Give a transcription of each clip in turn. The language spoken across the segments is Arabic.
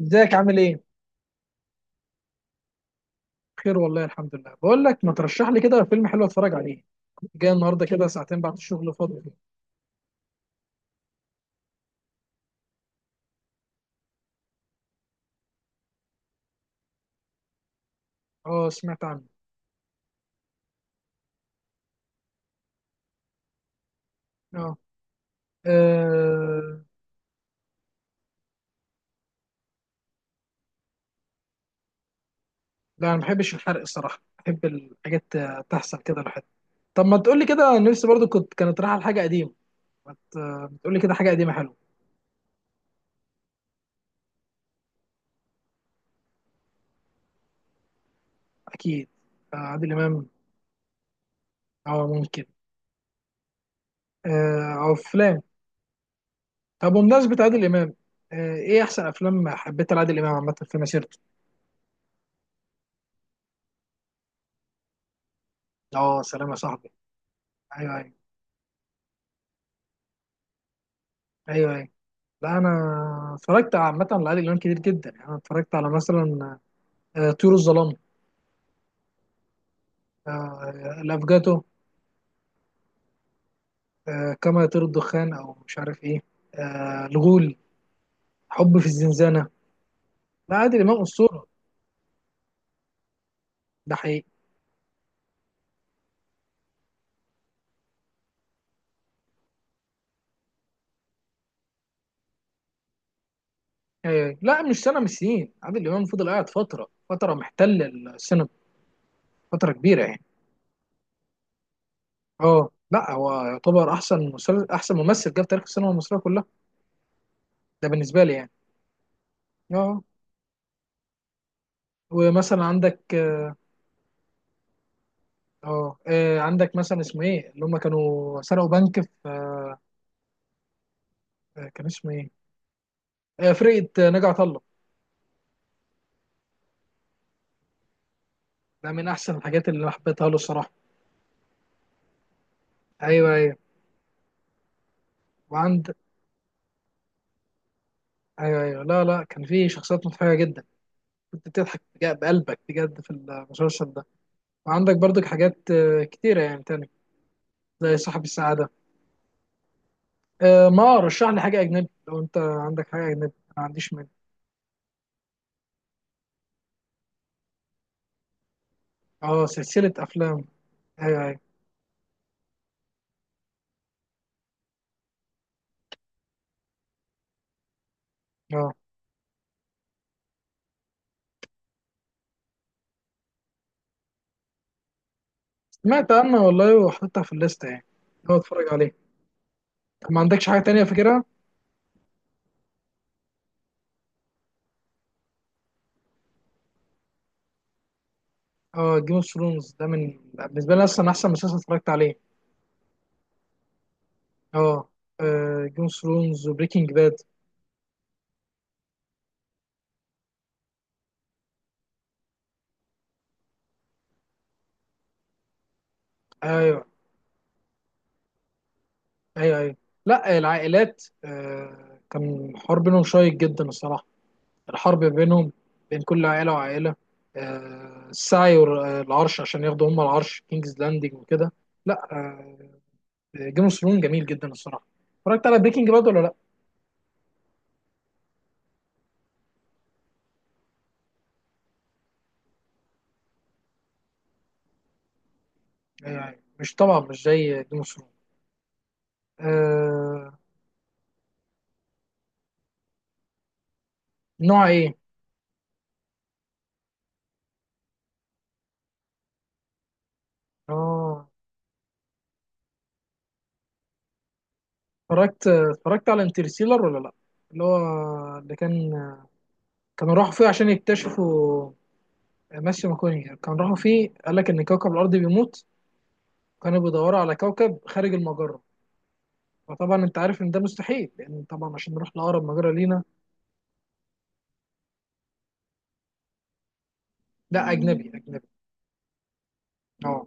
ازيك؟ عامل ايه؟ بخير والله الحمد لله. بقول لك، ما ترشح لي كده فيلم حلو اتفرج عليه. كنت جاي النهارده كده ساعتين بعد الشغل فاضي. اه، سمعت عنه. اه. آه، لا انا ما بحبش الحرق الصراحه، بحب الحاجات تحصل كده لحد. طب ما تقول لي كده، نفسي برضو كنت كانت رايحه لحاجه قديمه. ما تقول لي كده حاجه قديمه حلوه. اكيد. عادل امام. اه ممكن. او افلام. طب بمناسبه عادل امام، ايه احسن افلام حبيتها لعادل امام عامه في مسيرته؟ اه، سلام يا صاحبي. ايوه ايوه. ايوه ايوه. لا انا اتفرجت عامه على عادل امام كتير جدا يعني. انا اتفرجت على مثلا طيور الظلام، الافجاتو، كما يطير الدخان او مش عارف ايه، الغول، حب في الزنزانه. لا عادل امام اسطوره، ده حقيقي. لا مش سنه، مش سنين. عادل امام فضل قاعد فتره محتل السينما، فتره كبيره يعني. اه لا، هو يعتبر احسن احسن ممثل جه في تاريخ السينما المصريه كلها، ده بالنسبه لي يعني. اه. ومثلا عندك، اه عندك مثلا اسمه ايه اللي هم كانوا سرقوا بنك في، كان اسمه ايه، فرقه ناجي عطا الله. ده من احسن الحاجات اللي أنا حبيتها له الصراحه. ايوه ايوه. وعند، ايوه ايوه. لا لا، كان في شخصيات مضحكه جدا، كنت بتضحك بقلبك بجد في المسلسل ده. وعندك برضك حاجات كتيره يعني تاني، زي صاحب السعاده. ما رشح لي حاجه اجنبي، لو انت عندك حاجه اجنبي ما عنديش مانع. اه، سلسله افلام. ايوه ايوه. اه، سمعت عنها والله وحطيتها في الليسته يعني. هو اتفرج عليها؟ ما عندكش حاجه تانية فاكرها؟ اه، جيم اوف ثرونز ده من بالنسبه لي اصلا احسن مسلسل اتفرجت عليه. اه، جيم اوف ثرونز وبريكنج باد. ايوه ايوه. ايوه. لا العائلات آه، كان حوار بينهم شيق جدا الصراحه، الحرب بينهم، بين كل عائله وعائله، آه السعي والعرش عشان ياخدوا هم العرش كينجز لاندنج وكده. لا آه، جيم اوف ثرونز جميل جدا الصراحه. اتفرجت على بريكنج باد ولا لا؟ يعني مش، طبعا مش زي جيم اوف ثرونز. آه. نوع ايه؟ اه. اتفرجت، اتفرجت على انترستيلر ولا لا؟ اللي هو، اللي كان، كانوا راحوا فيه عشان يكتشفوا، ماسيو ماكوني، كانوا راحوا فيه قال لك ان كوكب الارض بيموت، كانوا بيدوروا على كوكب خارج المجره، فطبعا انت عارف ان ده مستحيل لان طبعا عشان نروح لاقرب مجره لينا. لا اجنبي اجنبي. اه،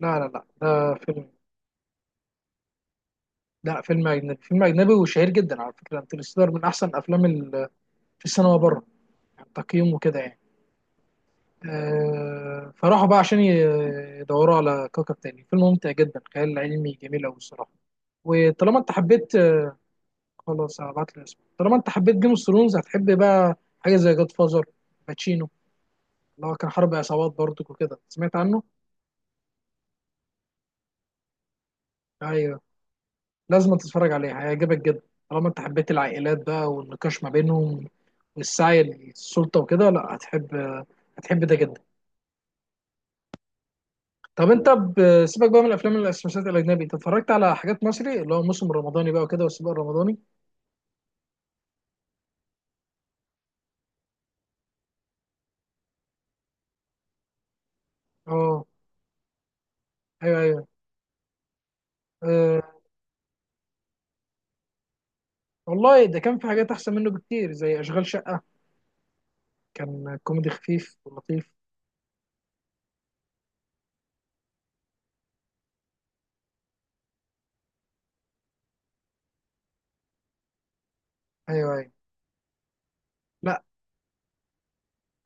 لا لا لا، ده فيلم، لا فيلم اجنبي، فيلم اجنبي وشهير جدا على فكره. انترستيلر من احسن افلام في السينما بره، يعني تقييمه كده يعني. فراحوا بقى يدوروا على كوكب تاني. فيلم ممتع جدا، خيال علمي جميل أوي الصراحة. وطالما أنت حبيت، خلاص هبعت لي اسمه. طالما أنت حبيت جيم اوف ثرونز، هتحب بقى حاجة زي جاد فازر باتشينو، اللي هو كان حرب عصابات برضك وكده. سمعت عنه؟ أيوه. لازم تتفرج عليه، هيعجبك جدا. طالما أنت حبيت العائلات بقى والنقاش ما بينهم والسعي للسلطة وكده، لا هتحب، هتحب ده جدا. طب انت سيبك بقى من الافلام والمسلسلات الاجنبي، انت اتفرجت على حاجات مصري اللي هو موسم الرمضاني بقى وكده والسباق الرمضاني؟ اه. ايوه ايوه. أه والله، ده كان في حاجات احسن منه بكتير زي اشغال شقه، كان كوميدي خفيف ولطيف. ايوه ايوه. لا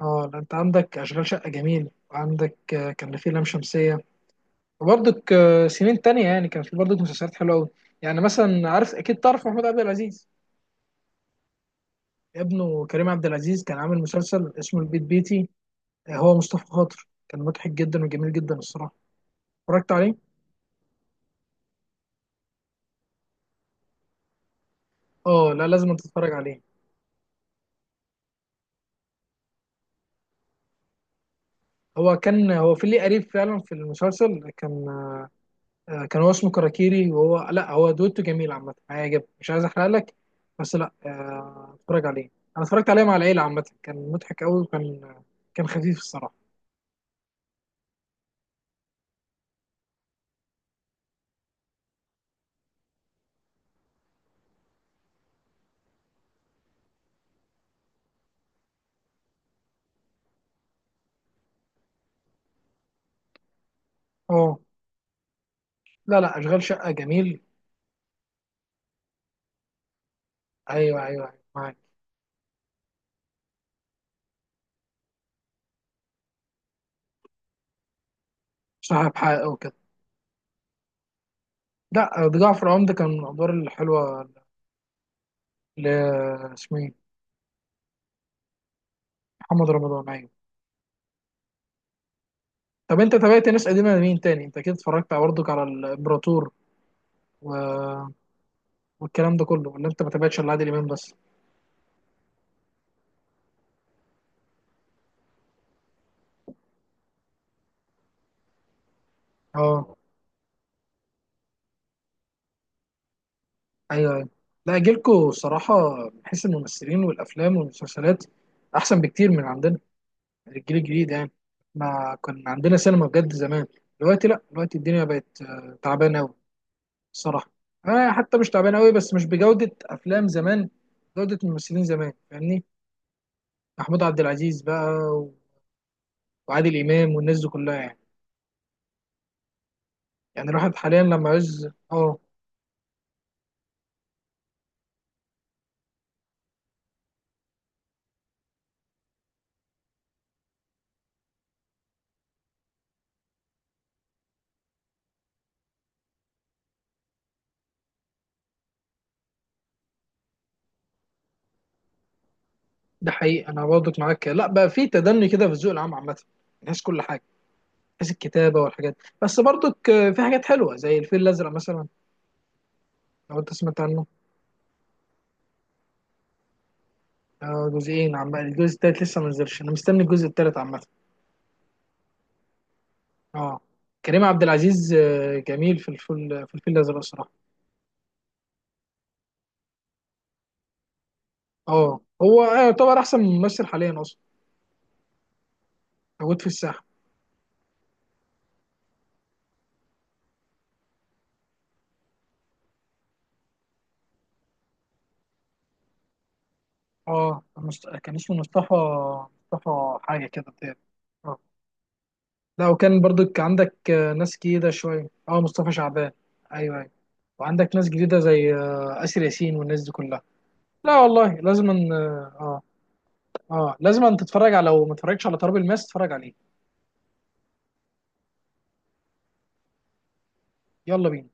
اه لا، انت عندك اشغال شقه جميل، وعندك كان في لام شمسيه، وبرضك سنين تانية يعني كان في برضك مسلسلات حلوه قوي. يعني مثلا، عارف اكيد، تعرف محمود عبد العزيز؟ ابنه كريم عبد العزيز كان عامل مسلسل اسمه البيت بيتي، هو مصطفى خاطر، كان مضحك جدا وجميل جدا الصراحه. اتفرجت عليه؟ اه لا، لازم تتفرج عليه. هو كان هو في ليه قريب فعلا في المسلسل كان، كان هو اسمه كراكيري، وهو لا، هو دويتو جميل عامه، هيعجبك، مش عايز احرق لك، بس لا اتفرج عليه. انا اتفرجت عليه مع العيله عامه، كان مضحك قوي وكان، كان خفيف الصراحه. اه لا لا، اشغال شقه جميل. ايوه ايوه ايوه، معاك. صاحب حقه وكده. لا ده جعفر العمدة كان من الادوار الحلوه. ل، اسمه ايه؟ محمد رمضان، أيوة. طب انت تابعت ناس قديمه لمين تاني؟ انت اكيد اتفرجت على، برضك على الامبراطور و... والكلام ده كله، ولا انت ما تابعتش الا عادل امام بس؟ اه. ايوه ايوه. لا جيلكوا الصراحه، من حيث الممثلين والافلام والمسلسلات، احسن بكتير من عندنا، الجيل الجديد يعني. ما كان عندنا سينما بجد زمان. دلوقتي لا، دلوقتي الدنيا بقت تعبانه قوي الصراحه. آه حتى مش تعبانه قوي، بس مش بجوده افلام زمان، جوده الممثلين زمان، فاهمني. محمود عبد العزيز بقى، و- وعادل امام والناس دي كلها يعني. يعني الواحد حاليا لما عايز اه. ده حقيقي، انا برضك معاك، لا بقى في تدني كده في الذوق العام عامه، من حيث كل حاجه، من حيث الكتابه والحاجات. بس برضك في حاجات حلوه زي الفيل الازرق مثلا، لو انت سمعت عنه. جزئين، عم الجزء التالت لسه ما نزلش، انا مستني الجزء التالت عامه. اه، كريم عبد العزيز جميل في الفل في الفيل الازرق صراحه. اه هو يعتبر احسن ممثل حاليا اصلا موجود في الساحه. اه كان اسمه مصطفى، مصطفى حاجه كده بتاع. آه. لا وكان برضك عندك ناس جديدة شوية، اه مصطفى شعبان. ايوه ايوه. وعندك ناس جديدة زي آسر ياسين والناس دي كلها. لا والله لازم أن اه، اه لازم أن تتفرج على، لو ما اتفرجتش على تراب الماس تتفرج عليه. يلا بينا.